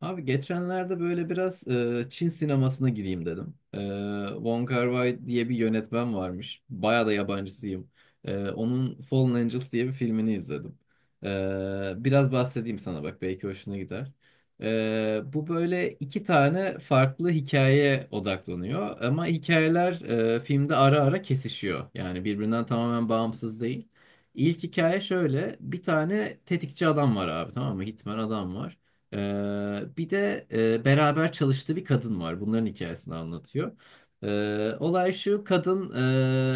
Abi geçenlerde böyle biraz Çin sinemasına gireyim dedim. Wong Kar-wai diye bir yönetmen varmış. Bayağı da yabancısıyım. Onun Fallen Angels diye bir filmini izledim. Biraz bahsedeyim sana bak belki hoşuna gider. Bu böyle iki tane farklı hikayeye odaklanıyor. Ama hikayeler filmde ara ara kesişiyor. Yani birbirinden tamamen bağımsız değil. İlk hikaye şöyle. Bir tane tetikçi adam var abi, tamam mı? Hitman adam var. Bir de beraber çalıştığı bir kadın var. Bunların hikayesini anlatıyor. Olay şu, kadın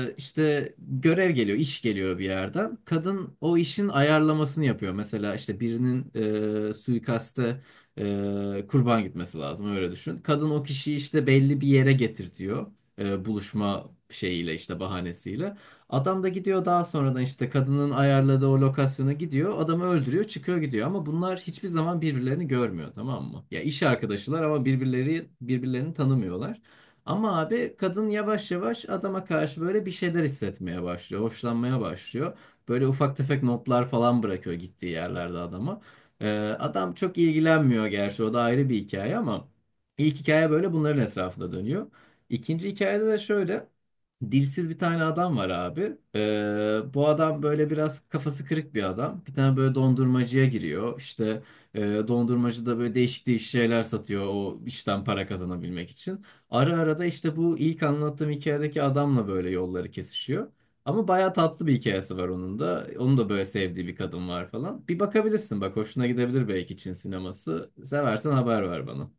işte görev geliyor, iş geliyor bir yerden. Kadın o işin ayarlamasını yapıyor. Mesela işte birinin suikaste kurban gitmesi lazım, öyle düşün. Kadın o kişiyi işte belli bir yere getirtiyor. Buluşma şeyiyle, işte bahanesiyle. Adam da gidiyor, daha sonradan işte kadının ayarladığı o lokasyona gidiyor. Adamı öldürüyor, çıkıyor gidiyor ama bunlar hiçbir zaman birbirlerini görmüyor, tamam mı? Ya iş arkadaşılar ama birbirleri birbirlerini tanımıyorlar. Ama abi kadın yavaş yavaş adama karşı böyle bir şeyler hissetmeye başlıyor, hoşlanmaya başlıyor. Böyle ufak tefek notlar falan bırakıyor gittiği yerlerde adama. Ee, Adam çok ilgilenmiyor, gerçi o da ayrı bir hikaye ama ilk hikaye böyle bunların etrafında dönüyor. İkinci hikayede de şöyle. Dilsiz bir tane adam var abi. Bu adam böyle biraz kafası kırık bir adam. Bir tane böyle dondurmacıya giriyor. İşte e, dondurmacı da böyle değişik değişik şeyler satıyor o işten para kazanabilmek için. Ara ara da işte bu ilk anlattığım hikayedeki adamla böyle yolları kesişiyor. Ama bayağı tatlı bir hikayesi var onun da. Onun da böyle sevdiği bir kadın var falan. Bir bakabilirsin, bak hoşuna gidebilir belki Çin sineması. Seversen haber ver bana.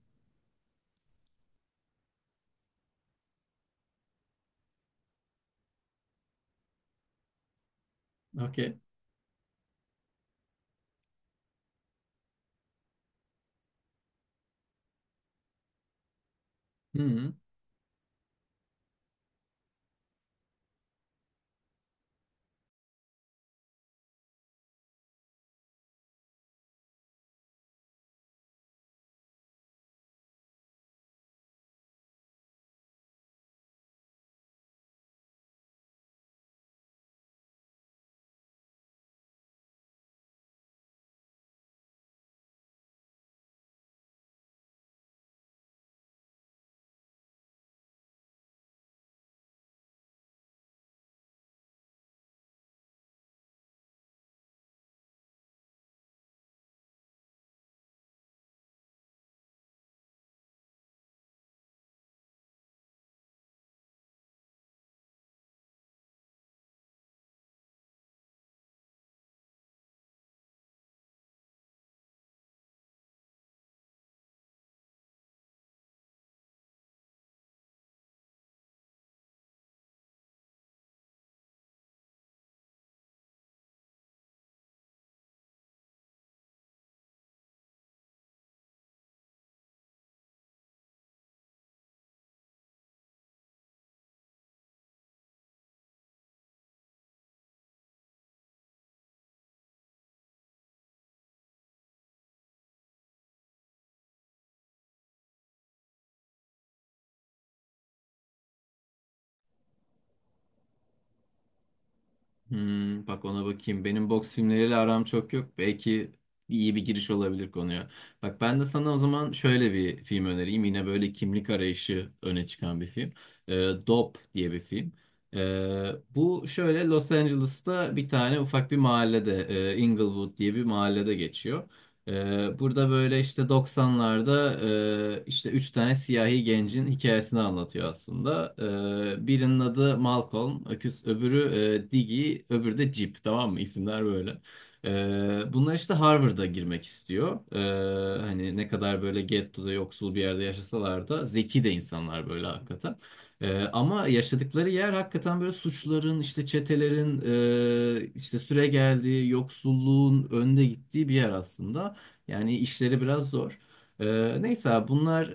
Okey. Hı hı. Hmm, bak ona bakayım. Benim boks filmleriyle aram çok yok. Belki iyi bir giriş olabilir konuya. Bak ben de sana o zaman şöyle bir film önereyim. Yine böyle kimlik arayışı öne çıkan bir film. Ee, Dope diye bir film. Bu şöyle Los Angeles'ta bir tane ufak bir mahallede, Inglewood diye bir mahallede geçiyor. Burada böyle işte 90'larda işte üç tane siyahi gencin hikayesini anlatıyor aslında. Birinin adı Malcolm, öküz, öbürü Diggy, öbürü de Jeep, tamam mı? İsimler böyle. Bunlar işte Harvard'a girmek istiyor. Hani ne kadar böyle gettoda yoksul bir yerde yaşasalar da zeki de insanlar böyle, hakikaten. Ama yaşadıkları yer hakikaten böyle suçların, işte çetelerin, işte süre geldiği, yoksulluğun önde gittiği bir yer aslında. Yani işleri biraz zor. Neyse abi, bunlar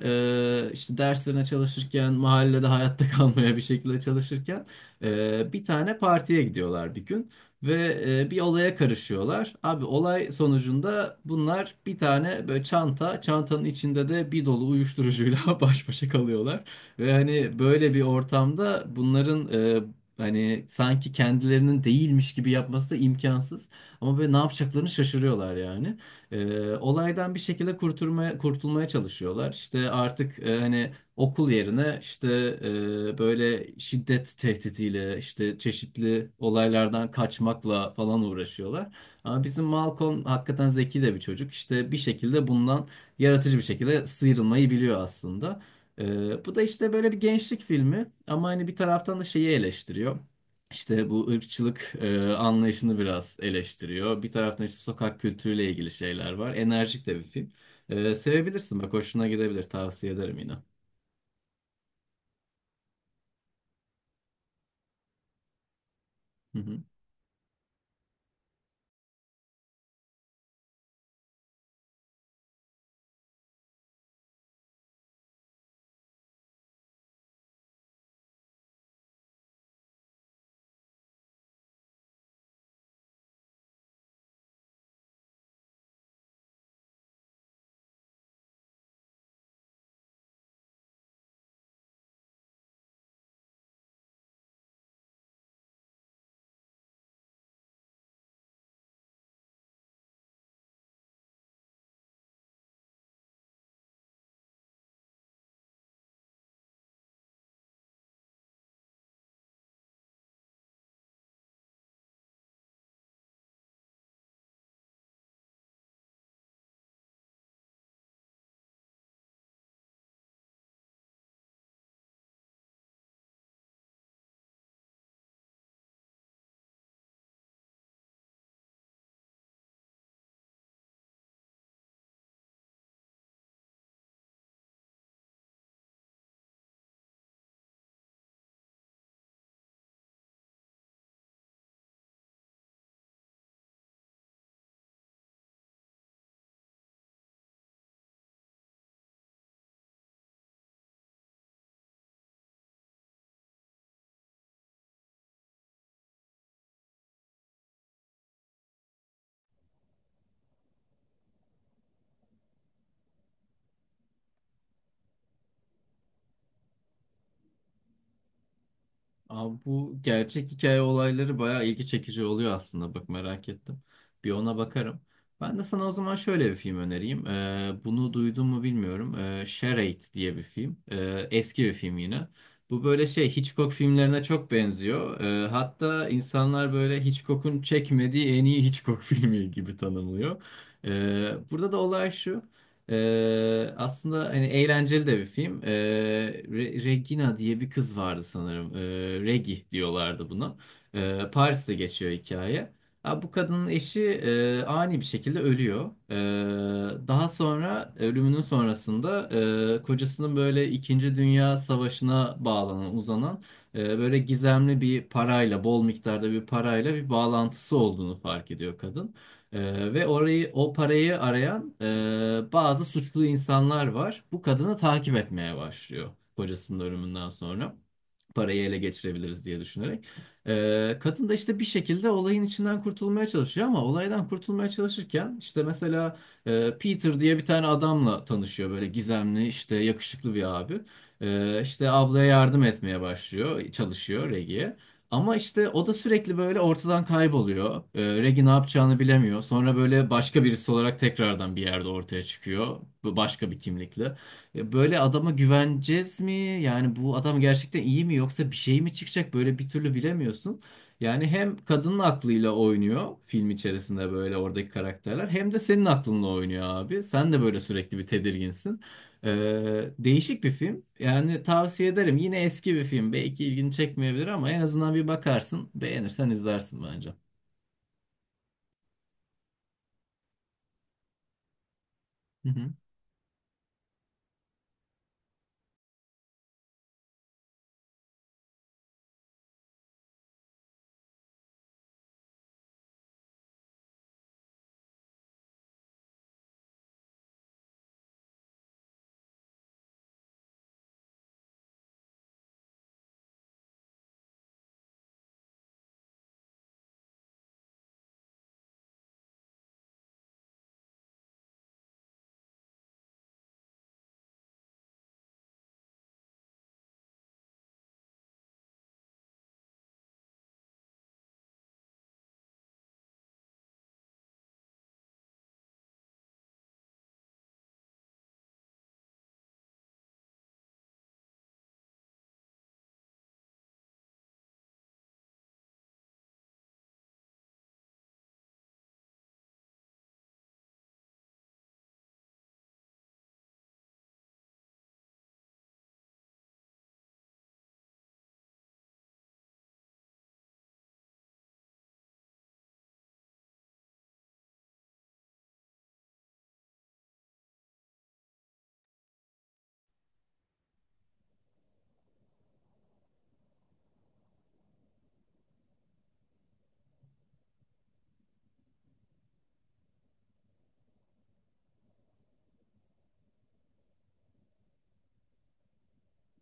işte derslerine çalışırken, mahallede hayatta kalmaya bir şekilde çalışırken bir tane partiye gidiyorlar bir gün ve bir olaya karışıyorlar. Abi olay sonucunda bunlar bir tane böyle çanta, çantanın içinde de bir dolu uyuşturucuyla baş başa kalıyorlar. Ve hani böyle bir ortamda bunların e, hani sanki kendilerinin değilmiş gibi yapması da imkansız. Ama böyle ne yapacaklarını şaşırıyorlar yani. Olaydan bir şekilde kurtulmaya çalışıyorlar. İşte artık hani okul yerine işte böyle şiddet tehditiyle işte çeşitli olaylardan kaçmakla falan uğraşıyorlar. Ama bizim Malcolm hakikaten zeki de bir çocuk. İşte bir şekilde bundan yaratıcı bir şekilde sıyrılmayı biliyor aslında. Bu da işte böyle bir gençlik filmi ama hani bir taraftan da şeyi eleştiriyor. İşte bu ırkçılık anlayışını biraz eleştiriyor. Bir taraftan işte sokak kültürüyle ilgili şeyler var. Enerjik de bir film. Sevebilirsin, bak hoşuna gidebilir, tavsiye ederim yine. Hı hı. Abi bu gerçek hikaye olayları bayağı ilgi çekici oluyor aslında. Bak merak ettim. Bir ona bakarım. Ben de sana o zaman şöyle bir film önereyim. Bunu duydun mu bilmiyorum. Charade diye bir film. Eski bir film yine. Bu böyle şey Hitchcock filmlerine çok benziyor. Hatta insanlar böyle Hitchcock'un çekmediği en iyi Hitchcock filmi gibi tanımlıyor. Burada da olay şu. Aslında hani eğlenceli de bir film. Regina diye bir kız vardı sanırım. Regi diyorlardı buna. Paris'te geçiyor hikaye. Ha, bu kadının eşi ani bir şekilde ölüyor. Daha sonra ölümünün sonrasında kocasının böyle İkinci Dünya Savaşı'na bağlanan, uzanan böyle gizemli bir parayla, bol miktarda bir parayla bir bağlantısı olduğunu fark ediyor kadın. Ve orayı o parayı arayan bazı suçlu insanlar var. Bu kadını takip etmeye başlıyor kocasının ölümünden sonra parayı ele geçirebiliriz diye düşünerek. Kadın da işte bir şekilde olayın içinden kurtulmaya çalışıyor ama olaydan kurtulmaya çalışırken işte mesela Peter diye bir tane adamla tanışıyor, böyle gizemli, işte yakışıklı bir abi. İşte ablaya yardım etmeye başlıyor, çalışıyor Reggie'ye. Ama işte o da sürekli böyle ortadan kayboluyor. Reggie ne yapacağını bilemiyor. Sonra böyle başka birisi olarak tekrardan bir yerde ortaya çıkıyor. Bu başka bir kimlikle. Ya böyle adama güveneceğiz mi? Yani bu adam gerçekten iyi mi, yoksa bir şey mi çıkacak? Böyle bir türlü bilemiyorsun. Yani hem kadının aklıyla oynuyor film içerisinde böyle oradaki karakterler, hem de senin aklınla oynuyor abi. Sen de böyle sürekli bir tedirginsin. Değişik bir film. Yani tavsiye ederim. Yine eski bir film. Belki ilgini çekmeyebilir ama en azından bir bakarsın. Beğenirsen izlersin bence. Hı hı.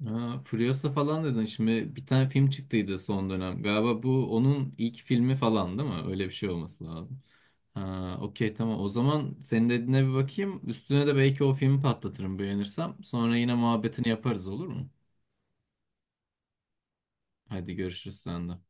Ha, Furiosa falan dedin. Şimdi bir tane film çıktıydı son dönem. Galiba bu onun ilk filmi falan, değil mi? Öyle bir şey olması lazım. Ha, okey, tamam. O zaman senin dediğine bir bakayım. Üstüne de belki o filmi patlatırım beğenirsem. Sonra yine muhabbetini yaparız, olur mu? Hadi görüşürüz senden.